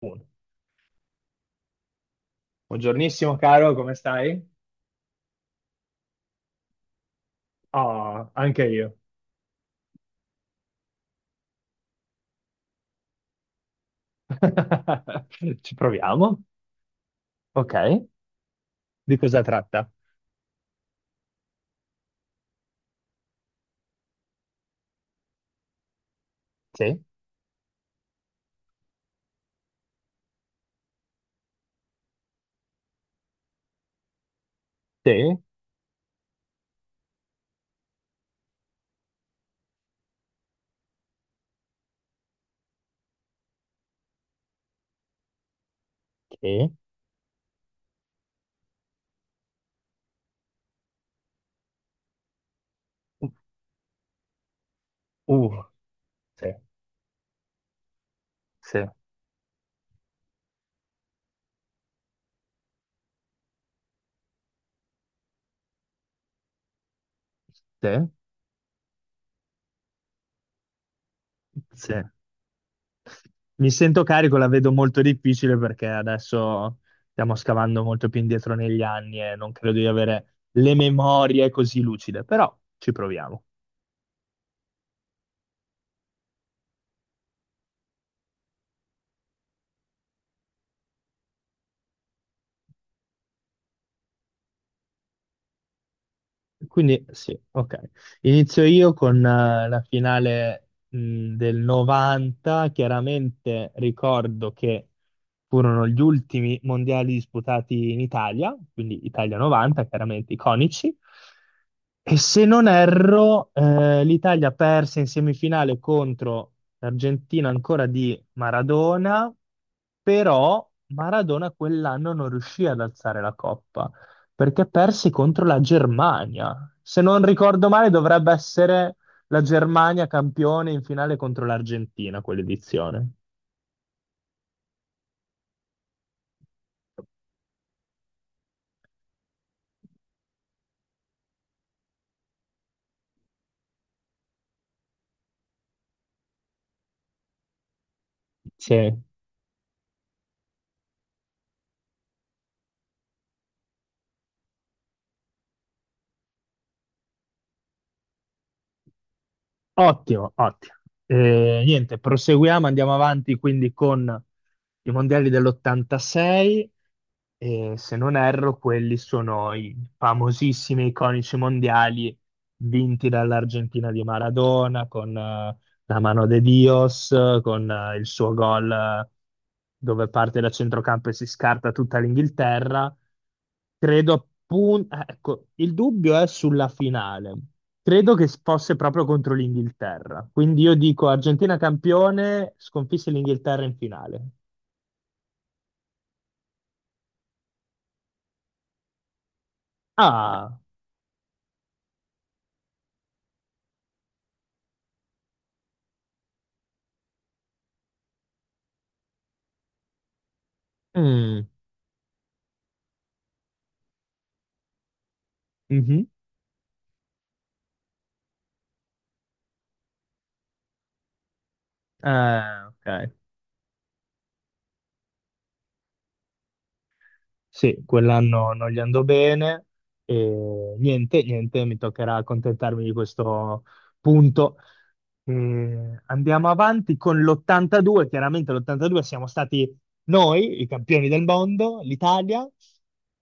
Uno. Buongiornissimo caro, come stai? Ah, anche io. Ci proviamo. Ok. Di cosa tratta? Sì, sì, che, uh, sì, sì, sì, sì. Mi sento carico, la vedo molto difficile perché adesso stiamo scavando molto più indietro negli anni e non credo di avere le memorie così lucide, però ci proviamo. Quindi sì, ok. Inizio io con la finale del 90. Chiaramente ricordo che furono gli ultimi mondiali disputati in Italia, quindi Italia 90, chiaramente iconici. E se non erro, l'Italia perse in semifinale contro l'Argentina ancora di Maradona, però Maradona quell'anno non riuscì ad alzare la coppa perché persi contro la Germania. Se non ricordo male, dovrebbe essere la Germania campione in finale contro l'Argentina, quell'edizione. Sì. Ottimo, ottimo. Niente, proseguiamo, andiamo avanti quindi con i mondiali dell'86 e se non erro quelli sono i famosissimi, iconici mondiali vinti dall'Argentina di Maradona con la mano de Dios, con il suo gol dove parte da centrocampo e si scarta tutta l'Inghilterra. Credo appunto, ecco, il dubbio è sulla finale. Credo che fosse proprio contro l'Inghilterra. Quindi io dico Argentina campione, sconfisse l'Inghilterra in finale. Ah, mm, mhm. Ok. Sì, quell'anno non gli andò bene e niente, niente, mi toccherà accontentarmi di questo punto. E andiamo avanti con l'82, chiaramente l'82 siamo stati noi, i campioni del mondo, l'Italia.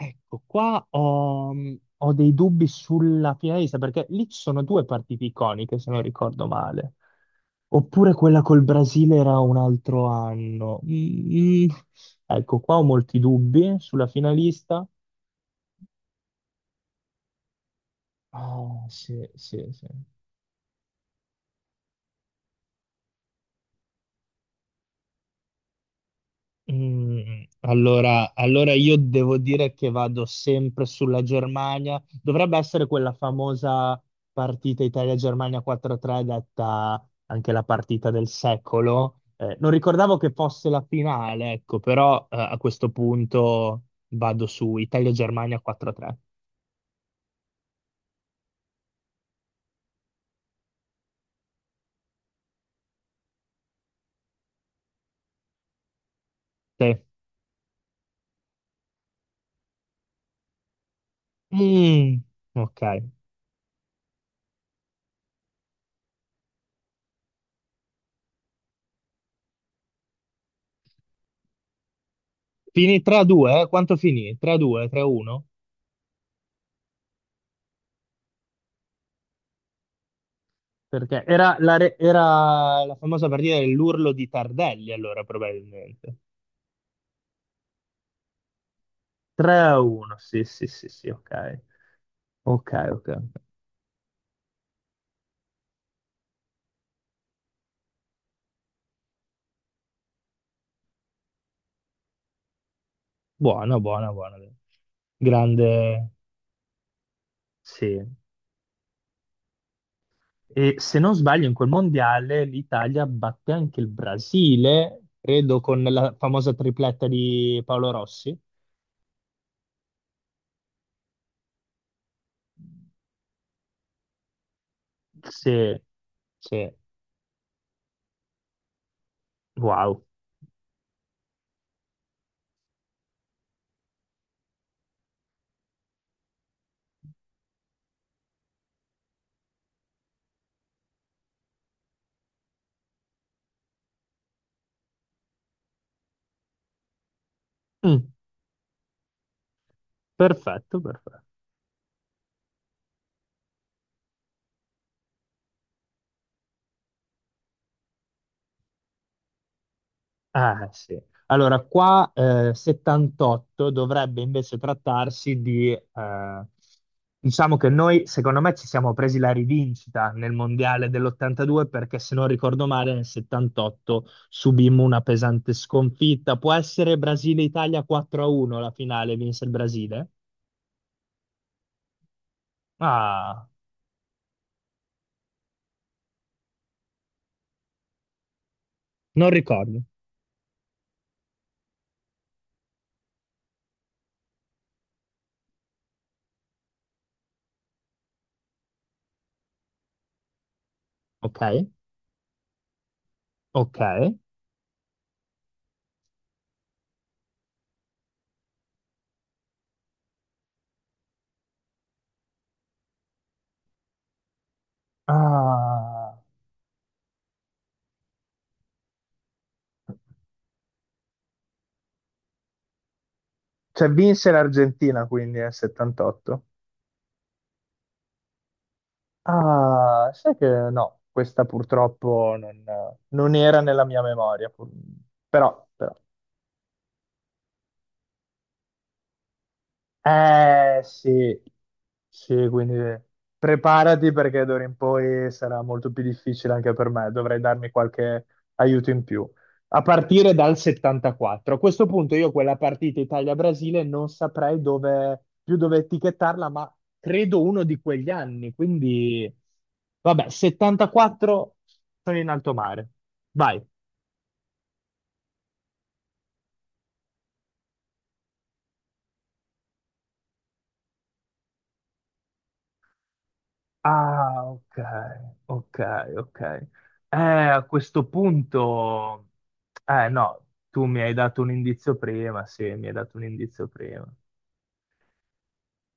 Ecco, qua ho dei dubbi sulla Pirelli, perché lì ci sono due partite iconiche, se non ricordo male. Oppure quella col Brasile era un altro anno. Mm, mm. Ecco, qua ho molti dubbi sulla finalista. Ah, sì, sì, sì. Mm, allora io devo dire che vado sempre sulla Germania. Dovrebbe essere quella famosa partita Italia-Germania 4-3, detta anche la partita del secolo. Non ricordavo che fosse la finale, ecco, però a questo punto vado su Italia-Germania 4-3. Te? Mm, ok. Finì 3-2, eh? Quanto finì? 3-2, 3-1? Perché era la famosa partita dell'urlo di Tardelli, allora, probabilmente. 3-1, sì, sì, sì, sì, ok. Ok, ok. Ok. Buono, buono, buono. Grande, sì. E se non sbaglio, in quel mondiale l'Italia batte anche il Brasile, credo, con la famosa tripletta di Paolo Rossi. Sì, sì. Wow. Mm, perfetto, perfetto. Ah, sì. Allora, qua 78 dovrebbe invece trattarsi di, diciamo che noi, secondo me, ci siamo presi la rivincita nel mondiale dell'82 perché, se non ricordo male, nel 78 subimmo una pesante sconfitta. Può essere Brasile-Italia 4-1 la finale, vinse il Brasile? Ah, non ricordo. Ok, ok. Ah, cioè vinse l'Argentina quindi nel 78. Ah, sai che no, questa purtroppo non era nella mia memoria, però, però. Eh sì, sì, quindi preparati perché d'ora in poi sarà molto più difficile anche per me, dovrei darmi qualche aiuto in più. A partire dal 74. A questo punto io quella partita Italia-Brasile non saprei dove, più dove etichettarla, ma credo uno di quegli anni, quindi vabbè, 74 sono in alto mare. Vai. Ah, ok, ok, ok. A questo punto, eh no, tu mi hai dato un indizio prima, sì, mi hai dato un indizio prima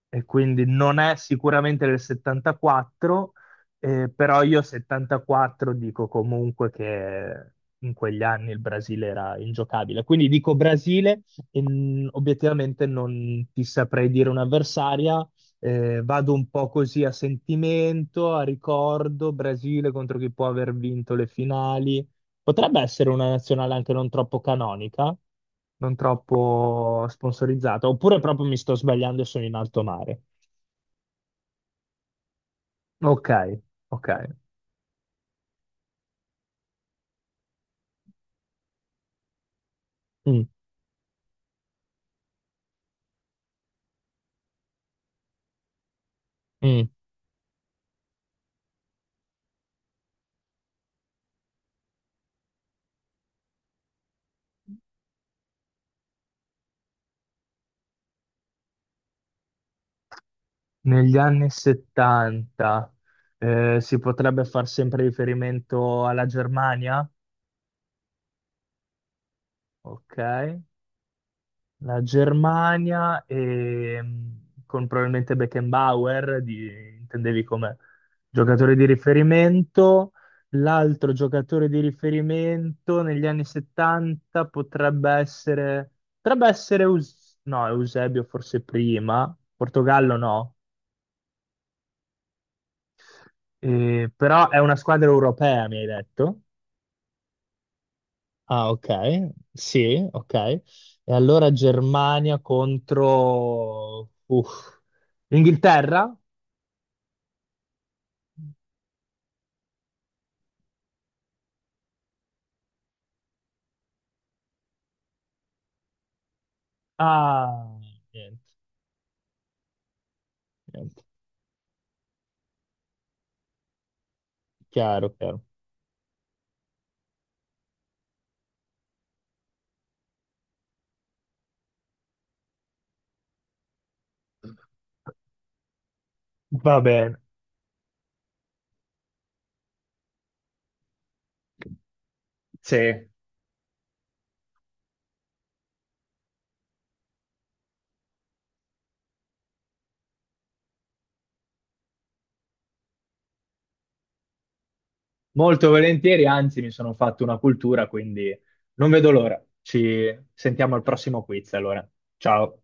e quindi non è sicuramente del 74, però io 74 dico comunque che in quegli anni il Brasile era ingiocabile. Quindi dico Brasile e obiettivamente non ti saprei dire un'avversaria. Vado un po' così a sentimento, a ricordo, Brasile contro chi può aver vinto le finali. Potrebbe essere una nazionale anche non troppo canonica, non troppo sponsorizzata, oppure proprio mi sto sbagliando e sono in alto mare. Ok, ok. Mm, mm. Negli anni 70 si potrebbe far sempre riferimento alla Germania? Ok. La Germania e, con probabilmente Beckenbauer, intendevi come giocatore di riferimento. L'altro giocatore di riferimento negli anni 70 potrebbe essere no, Eusebio forse prima, Portogallo no, Però è una squadra europea, mi hai detto. Ah, ok, sì, ok. E allora Germania contro uff, Inghilterra? Ah, niente, niente. Chiaro, chiaro. Va bene, sì, molto volentieri, anzi mi sono fatto una cultura, quindi non vedo l'ora. Ci sentiamo al prossimo quiz, allora. Ciao.